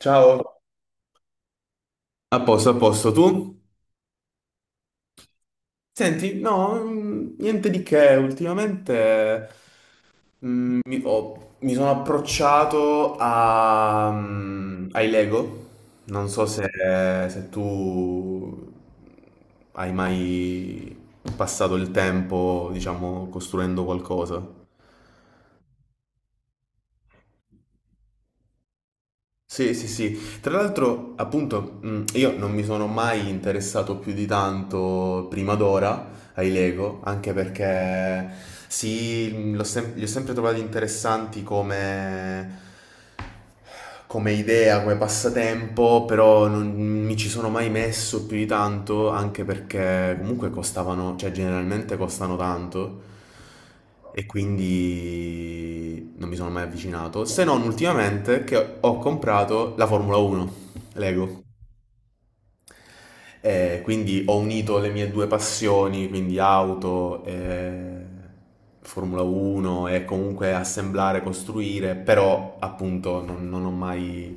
Ciao. A posto, tu? Senti, no, niente di che, ultimamente mi sono approcciato a, ai Lego, non so se, se tu hai mai passato il tempo, diciamo, costruendo qualcosa. Sì, sì, sì. Tra l'altro, appunto, io non mi sono mai interessato più di tanto prima d'ora ai Lego, anche perché sì, li ho sempre trovati interessanti come idea, come passatempo, però non mi ci sono mai messo più di tanto, anche perché comunque costavano, cioè generalmente costano tanto e quindi non mi sono mai avvicinato, se non ultimamente che ho comprato la Formula 1 Lego. E quindi ho unito le mie due passioni, quindi auto e Formula 1 e comunque assemblare, costruire, però appunto non ho mai...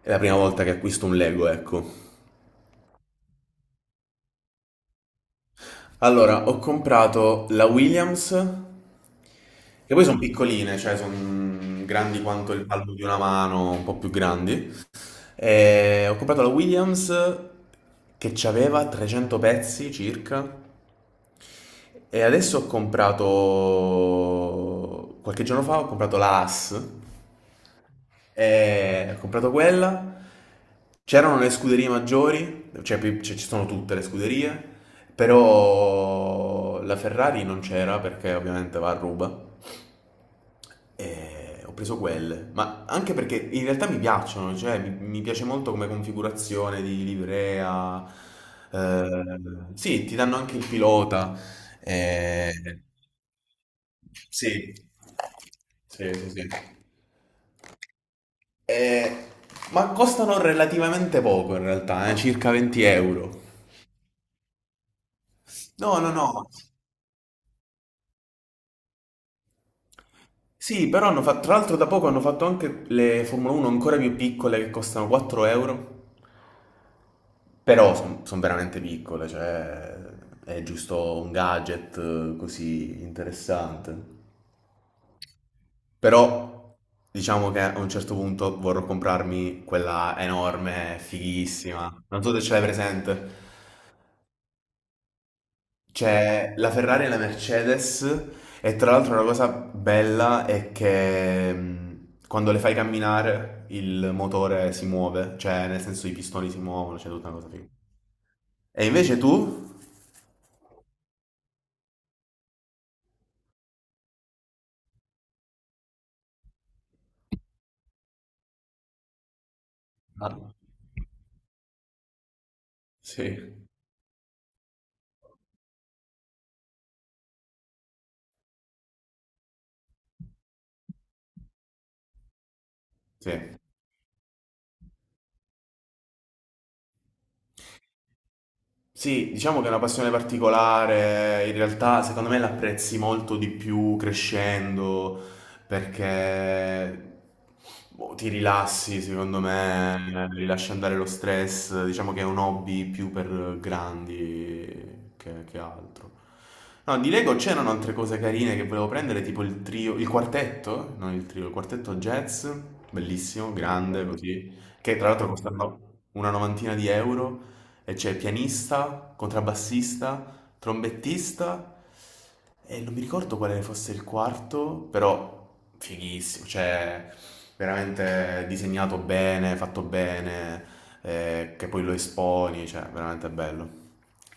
È la prima volta che acquisto un Lego, ecco. Allora, ho comprato la Williams, che poi sono piccoline, cioè sono grandi quanto il palmo di una mano, un po' più grandi. E ho comprato la Williams che aveva 300 pezzi circa. E adesso ho comprato, qualche giorno fa, ho comprato la AS, e ho comprato quella, c'erano le scuderie maggiori, cioè, ci sono tutte le scuderie, però la Ferrari non c'era perché ovviamente va a ruba, e ho preso quelle, ma anche perché in realtà mi piacciono, cioè mi piace molto come configurazione di livrea, eh, sì, ti danno anche il pilota. Eh, Sì, sì, sì, sì. Eh, ma costano relativamente poco in realtà, circa 20 euro. No, no, no. Sì, però hanno fatto, tra l'altro da poco hanno fatto anche le Formula 1 ancora più piccole che costano 4 euro. Però sono veramente piccole, cioè è giusto un gadget così interessante. Però diciamo che a un certo punto vorrò comprarmi quella enorme, fighissima. Non so se ce l'hai presente. C'è la Ferrari e la Mercedes e tra l'altro una cosa bella è che quando le fai camminare il motore si muove, cioè nel senso i pistoni si muovono, c'è tutta una cosa figa. E invece tu? Guarda. Sì. Sì. Sì, diciamo che è una passione particolare, in realtà secondo me l'apprezzi molto di più crescendo perché boh, ti rilassi, secondo me, rilasci andare lo stress, diciamo che è un hobby più per grandi che altro. No, di Lego c'erano altre cose carine che volevo prendere, tipo il trio, il quartetto, non il trio, il quartetto jazz, bellissimo, grande così, che tra l'altro costano una novantina di euro. E c'è pianista, contrabbassista, trombettista e non mi ricordo quale fosse il quarto, però fighissimo, cioè veramente disegnato bene, fatto bene, che poi lo esponi, cioè veramente bello.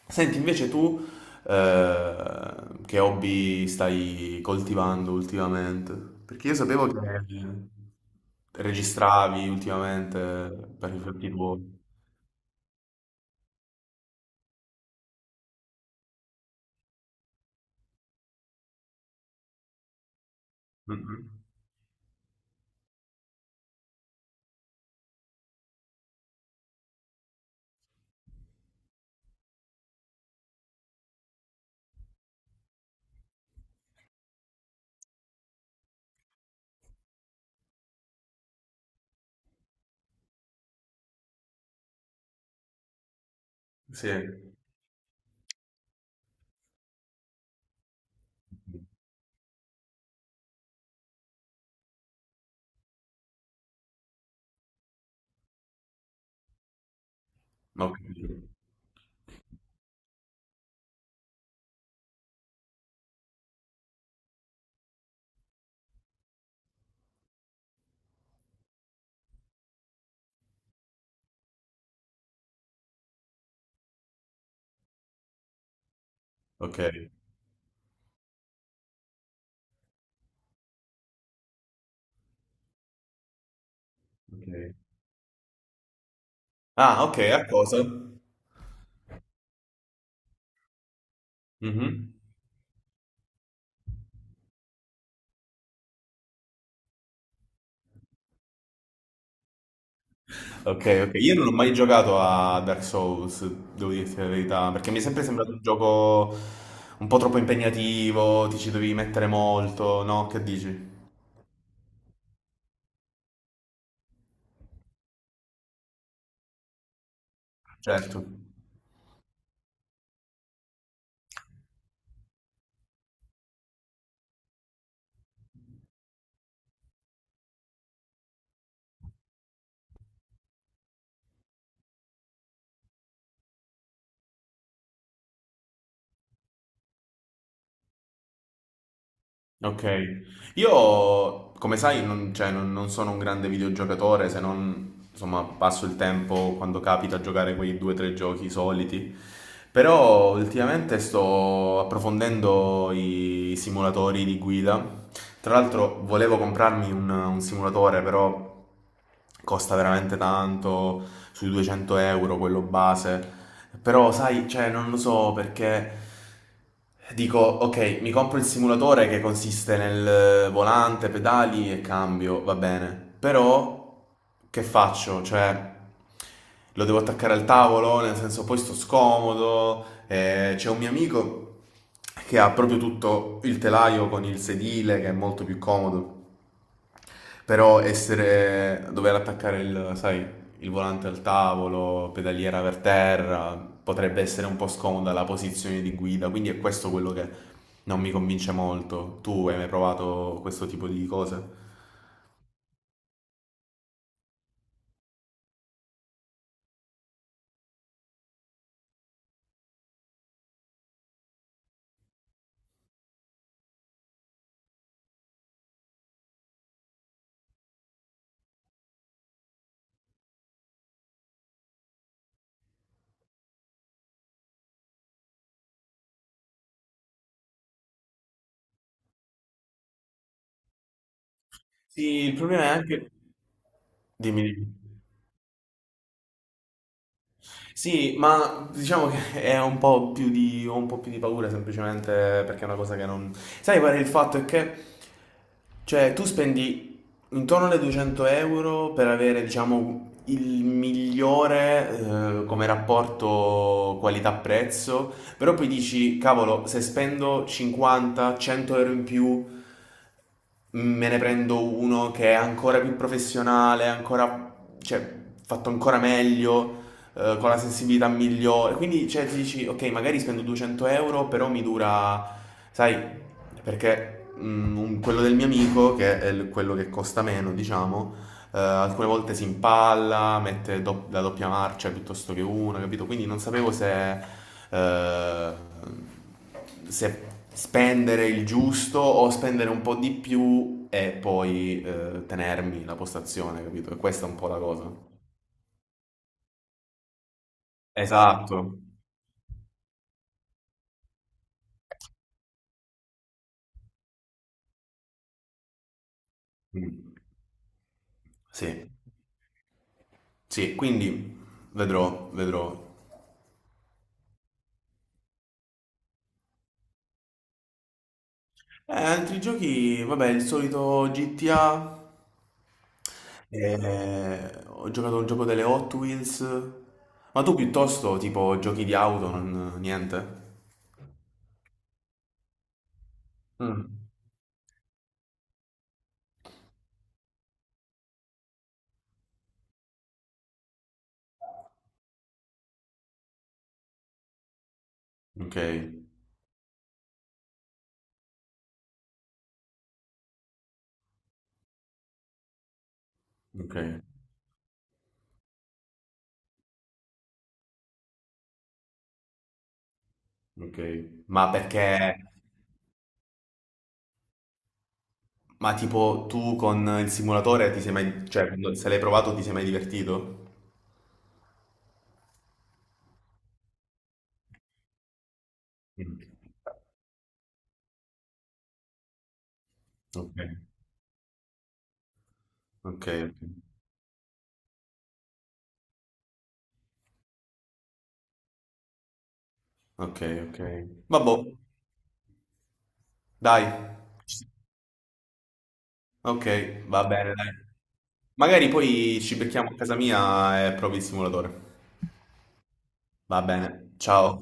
Senti, invece tu eh, che hobby stai coltivando ultimamente? Perché io sapevo che registravi ultimamente per i fatti tuoi. Mhm. Sì. Ho capito. Ok, ok. Ah, ok, a cosa? Mhm. Ok, ok. Io non ho mai giocato a Dark Souls, devo dirti la verità, perché mi è sempre sembrato un gioco un po' troppo impegnativo, ti ci dovevi mettere molto, no? Che dici? Certo. Ok, io come sai non, cioè, non sono un grande videogiocatore se non insomma passo il tempo quando capita a giocare quei due o tre giochi soliti, però ultimamente sto approfondendo i simulatori di guida, tra l'altro volevo comprarmi un simulatore però costa veramente tanto, sui 200 euro, quello base. Però, sai, cioè, non lo so perché dico, ok, mi compro il simulatore che consiste nel volante, pedali e cambio, va bene. Però, che faccio? Cioè, lo devo attaccare al tavolo, nel senso, poi sto scomodo. C'è un mio amico che ha proprio tutto il telaio con il sedile, che è molto più comodo. Però essere, dover attaccare il, sai, il volante al tavolo, pedaliera per terra, potrebbe essere un po' scomoda la posizione di guida, quindi è questo quello che non mi convince molto. Tu hai mai provato questo tipo di cose? Sì, il problema è anche... Dimmi. Dimmi. Sì, ma diciamo che è un po' più di, ho un po' più di paura semplicemente perché è una cosa che non... Sai qual è il fatto? È che, cioè, tu spendi intorno alle 200 euro per avere, diciamo, il migliore, come rapporto qualità-prezzo, però poi dici, cavolo, se spendo 50-100 euro in più me ne prendo uno che è ancora più professionale, ancora, cioè, fatto ancora meglio, con la sensibilità migliore. Quindi, cioè, ti dici, ok, magari spendo 200 euro, però mi dura, sai, perché quello del mio amico, che è quello che costa meno, diciamo, alcune volte si impalla, mette la doppia marcia piuttosto che una, capito? Quindi non sapevo se, eh, se spendere il giusto o spendere un po' di più e poi tenermi la postazione, capito? E questa è un po' la cosa. Esatto. Mm. Sì. Sì, quindi vedrò, vedrò. Altri giochi, vabbè, il solito GTA. Ho giocato a un gioco delle Hot Wheels. Ma tu piuttosto, tipo, giochi di auto, niente? Mm. Ok, ok, ok. Ma perché... Ma tipo, tu con il simulatore ti sei mai... Cioè, se l'hai provato ti sei mai divertito? Mm. Ok, ok, ok, ok. Ok. Vabbò, dai. Ok, va bene, dai. Magari poi ci becchiamo a casa mia e provi il simulatore. Va bene, ciao.